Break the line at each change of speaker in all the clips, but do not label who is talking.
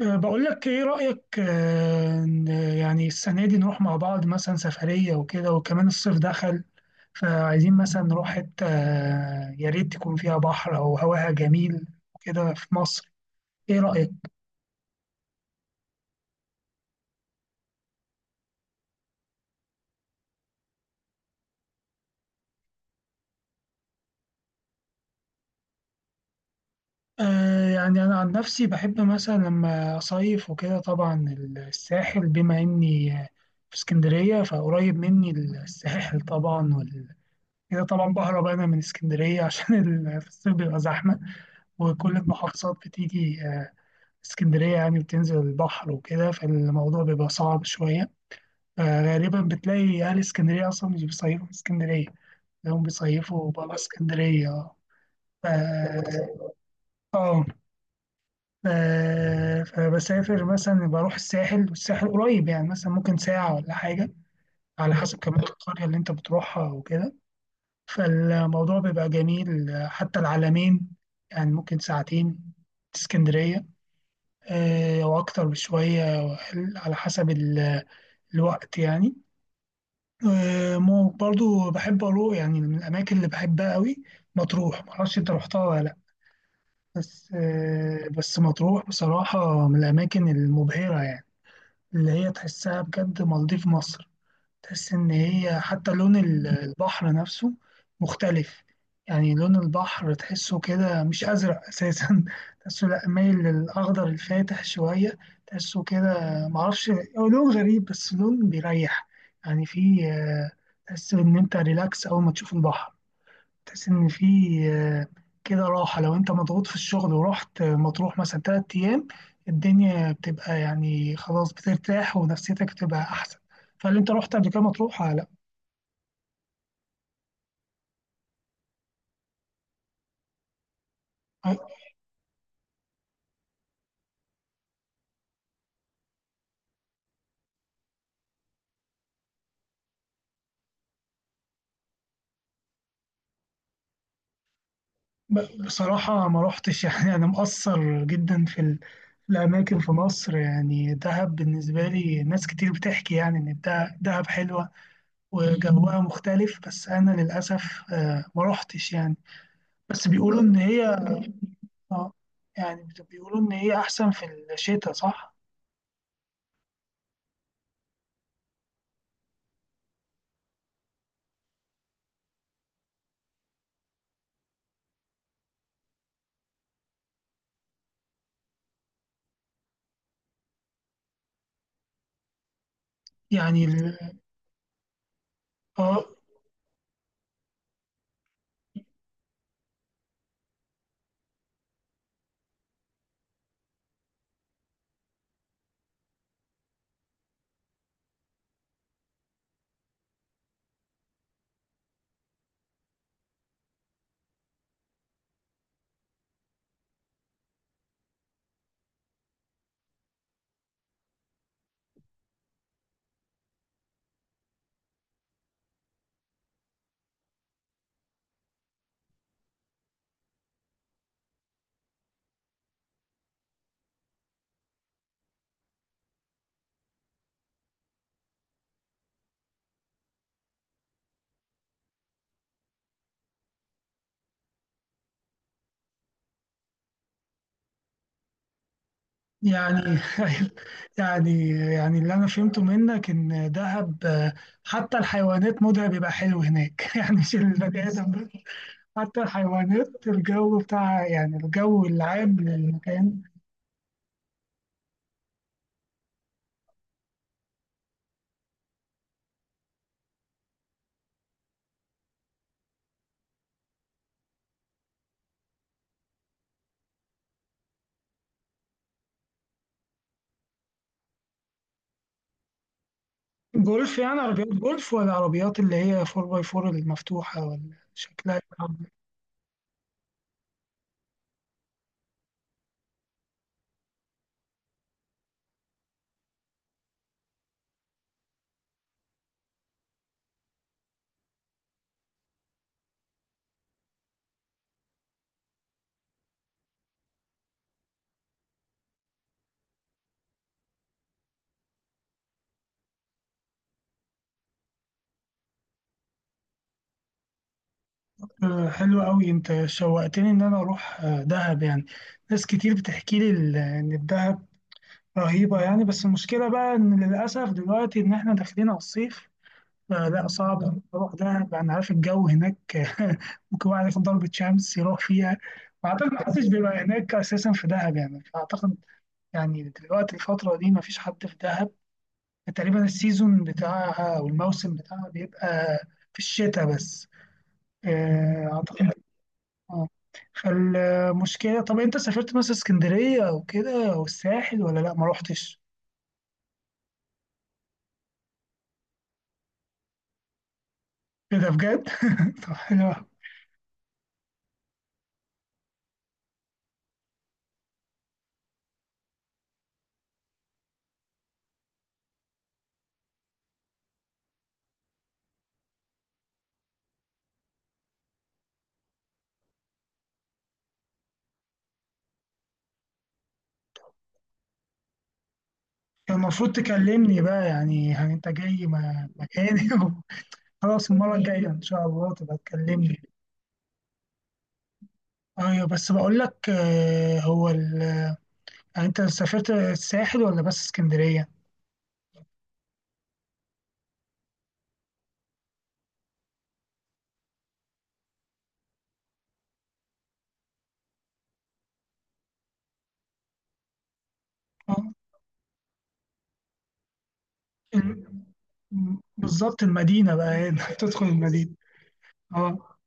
بقول لك ايه رأيك إن يعني السنة دي نروح مع بعض مثلا سفرية وكده، وكمان الصيف دخل، فعايزين مثلا نروح حتة يا ريت تكون فيها بحر او هواها جميل وكده في مصر. ايه رأيك؟ يعني انا عن نفسي بحب مثلا لما اصيف وكده، طبعا الساحل، بما اني في اسكندرية فقريب مني الساحل طبعا. كده طبعا بهرب انا من اسكندرية عشان في الصيف بيبقى زحمة، وكل المحافظات بتيجي اسكندرية يعني بتنزل البحر وكده، فالموضوع بيبقى صعب شوية. فغالبا بتلاقي أهل اسكندرية أصلا مش بيصيفوا في اسكندرية، تلاقيهم بيصيفوا برا اسكندرية. اه. ف- اه ف- فبسافر مثلا، بروح الساحل، والساحل قريب يعني مثلا ممكن ساعة ولا حاجة، على حسب كمان القرية اللي انت بتروحها وكده. فالموضوع بيبقى جميل. حتى العلمين يعني ممكن ساعتين اسكندرية، أو أكتر بشوية، على حسب الوقت يعني. برضو بحب أروح، يعني من الأماكن اللي بحبها قوي مطروح، معرفش أنت رحتها ولا لأ. بس بس مطروح بصراحة من الأماكن المبهرة، يعني اللي هي تحسها بجد مالديف مصر. تحس إن هي حتى لون البحر نفسه مختلف. يعني لون البحر تحسه كده مش أزرق أساسا تحسه لأ، مايل للأخضر الفاتح شوية. تحسه كده، معرفش. هو لون غريب، بس لون بيريح. يعني فيه تحس إن أنت ريلاكس أول ما تشوف البحر. تحس إن في آه، كده راحة. لو أنت مضغوط في الشغل ورحت مطروح مثلا 3 أيام، الدنيا بتبقى يعني خلاص بترتاح ونفسيتك بتبقى أحسن. فهل أنت رحت قبل كده مطروح ولا لأ؟ بصراحة ما رحتش يعني أنا مقصر جدا في في الأماكن في مصر. يعني دهب بالنسبة لي، ناس كتير بتحكي يعني إن دهب حلوة وجوها مختلف، بس أنا للأسف ما رحتش يعني. بس بيقولوا إن هي، اه، يعني بيقولوا ان هي احسن في الشتاء، صح؟ يعني اه يعني يعني اللي انا فهمته منك ان دهب، حتى الحيوانات مودها بيبقى حلو هناك يعني مش البني ادم بس. حتى الحيوانات الجو بتاعها، يعني الجو العام للمكان. جولف؟ يعني عربيات جولف، ولا عربيات اللي هي 4 باي 4 المفتوحة، ولا شكلها إيه؟ حلو قوي، انت شوقتني ان انا اروح دهب يعني. ناس كتير بتحكي لي ان الدهب رهيبة يعني. بس المشكلة بقى ان للاسف دلوقتي ان احنا داخلين على الصيف، فلا صعب إن اروح دهب. انا عارف الجو هناك ممكن واحد ياخد ضربة شمس يروح فيها. واعتقد محدش بيبقى هناك اساسا في دهب يعني، فاعتقد يعني دلوقتي الفترة دي مفيش حد في دهب تقريبا. السيزون بتاعها او الموسم بتاعها بيبقى في الشتاء بس، اعتقد. آه. فالمشكلة، طب أنت سافرت مثلا اسكندرية أو كده أو الساحل ولا لأ ما روحتش؟ إيه ده بجد؟ طب حلو أوي. كان المفروض تكلمني بقى، يعني يعني أنت جاي مكاني خلاص المرة الجاية إن شاء الله تبقى تكلمني. أيوة، بس بقول لك، يعني أنت سافرت الساحل ولا بس اسكندرية؟ آه. ال- بالظبط، المدينة بقى هنا تدخل المدينة. أه،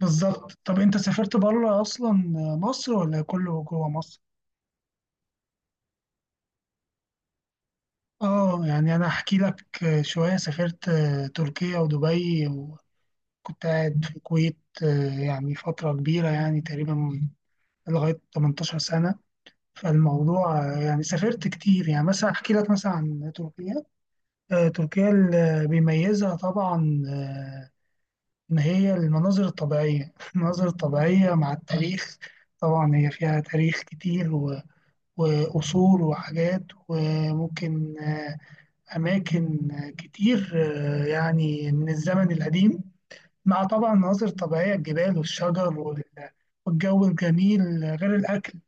بالظبط. طب أنت سافرت بره أصلا مصر ولا كله جوه مصر؟ اه، يعني انا احكي لك، شويه، سافرت تركيا ودبي، وكنت قاعد في الكويت يعني فتره كبيره، يعني تقريبا لغايه 18 سنه. فالموضوع يعني سافرت كتير. يعني مثلا احكي لك مثلا عن تركيا. تركيا اللي بيميزها طبعا ان هي المناظر الطبيعيه المناظر الطبيعيه مع التاريخ. طبعا هي فيها تاريخ كتير وقصور وحاجات، وممكن أماكن كتير يعني من الزمن القديم، مع طبعا مناظر طبيعية، الجبال والشجر والجو الجميل، غير الأكل.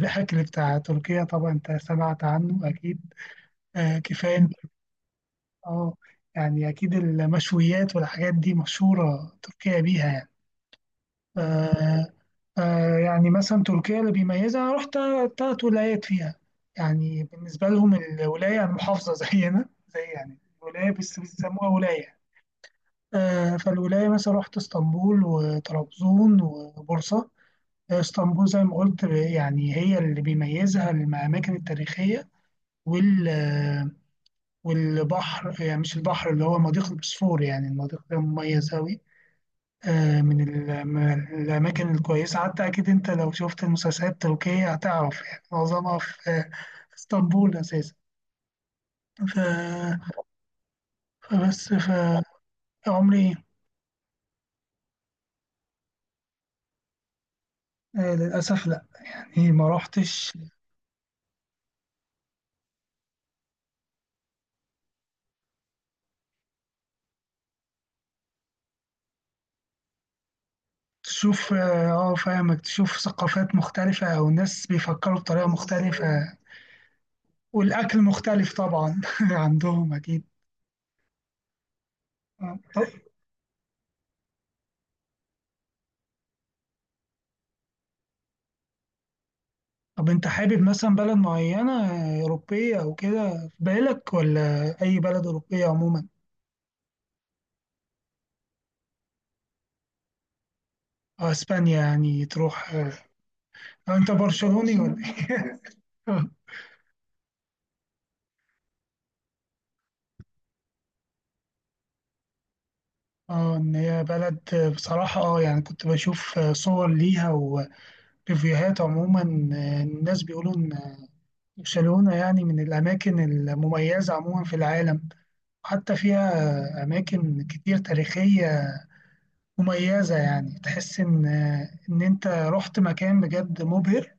الأكل بتاع تركيا طبعا أنت سمعت عنه أكيد، كفاية. اه، يعني أكيد المشويات والحاجات دي مشهورة تركيا بيها يعني. آه، يعني مثلا تركيا اللي بيميزها، أنا رحت تلات ولايات فيها. يعني بالنسبة لهم الولاية يعني محافظة زينا، زي يعني ولاية بس بيسموها ولاية. فالولاية مثلا رحت اسطنبول وطرابزون وبورصة. اسطنبول زي ما قلت، يعني هي اللي بيميزها الأماكن التاريخية وال آه، والبحر. يعني مش البحر، اللي هو مضيق البوسفور، يعني المضيق ده مميز أوي. من من الأماكن الكويسة. حتى أكيد أنت لو شفت المسلسلات التركية هتعرف، يعني معظمها في في اسطنبول أساسا. ف- فبس فعمري للأسف لأ، يعني ما روحتش. تشوف، اه، فاهمك، تشوف ثقافات مختلفة أو ناس بيفكروا بطريقة مختلفة، والأكل مختلف طبعا عندهم أكيد. طب طب أنت حابب مثلا بلد معينة أوروبية أو كده في بالك، ولا أي بلد أوروبية عموما؟ أو أسبانيا يعني تروح. أو أنت برشلوني ولا إيه؟ اه، ان هي بلد، بصراحة، اه، يعني كنت بشوف صور ليها وريفيوهات عموما. الناس بيقولوا برشلونة يعني من الأماكن المميزة عموما في العالم. حتى فيها أماكن كتير تاريخية مميزة. يعني تحس إن، إن أنت رحت مكان بجد مبهر،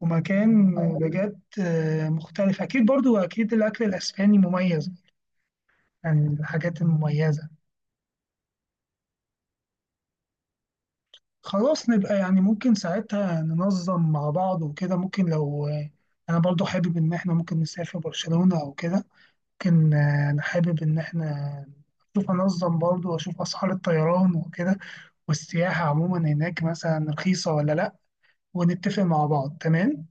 ومكان بجد مختلف. أكيد، برضو أكيد الأكل الأسباني مميز يعني، الحاجات المميزة. خلاص، نبقى يعني ممكن ساعتها ننظم مع بعض وكده. ممكن لو أنا برضو حابب إن إحنا ممكن نسافر برشلونة أو كده، لكن أنا حابب إن إحنا أشوف، أنظم برضه وأشوف أسعار الطيران وكده، والسياحة عموما هناك مثلا رخيصة ولا لأ، ونتفق مع بعض، تمام؟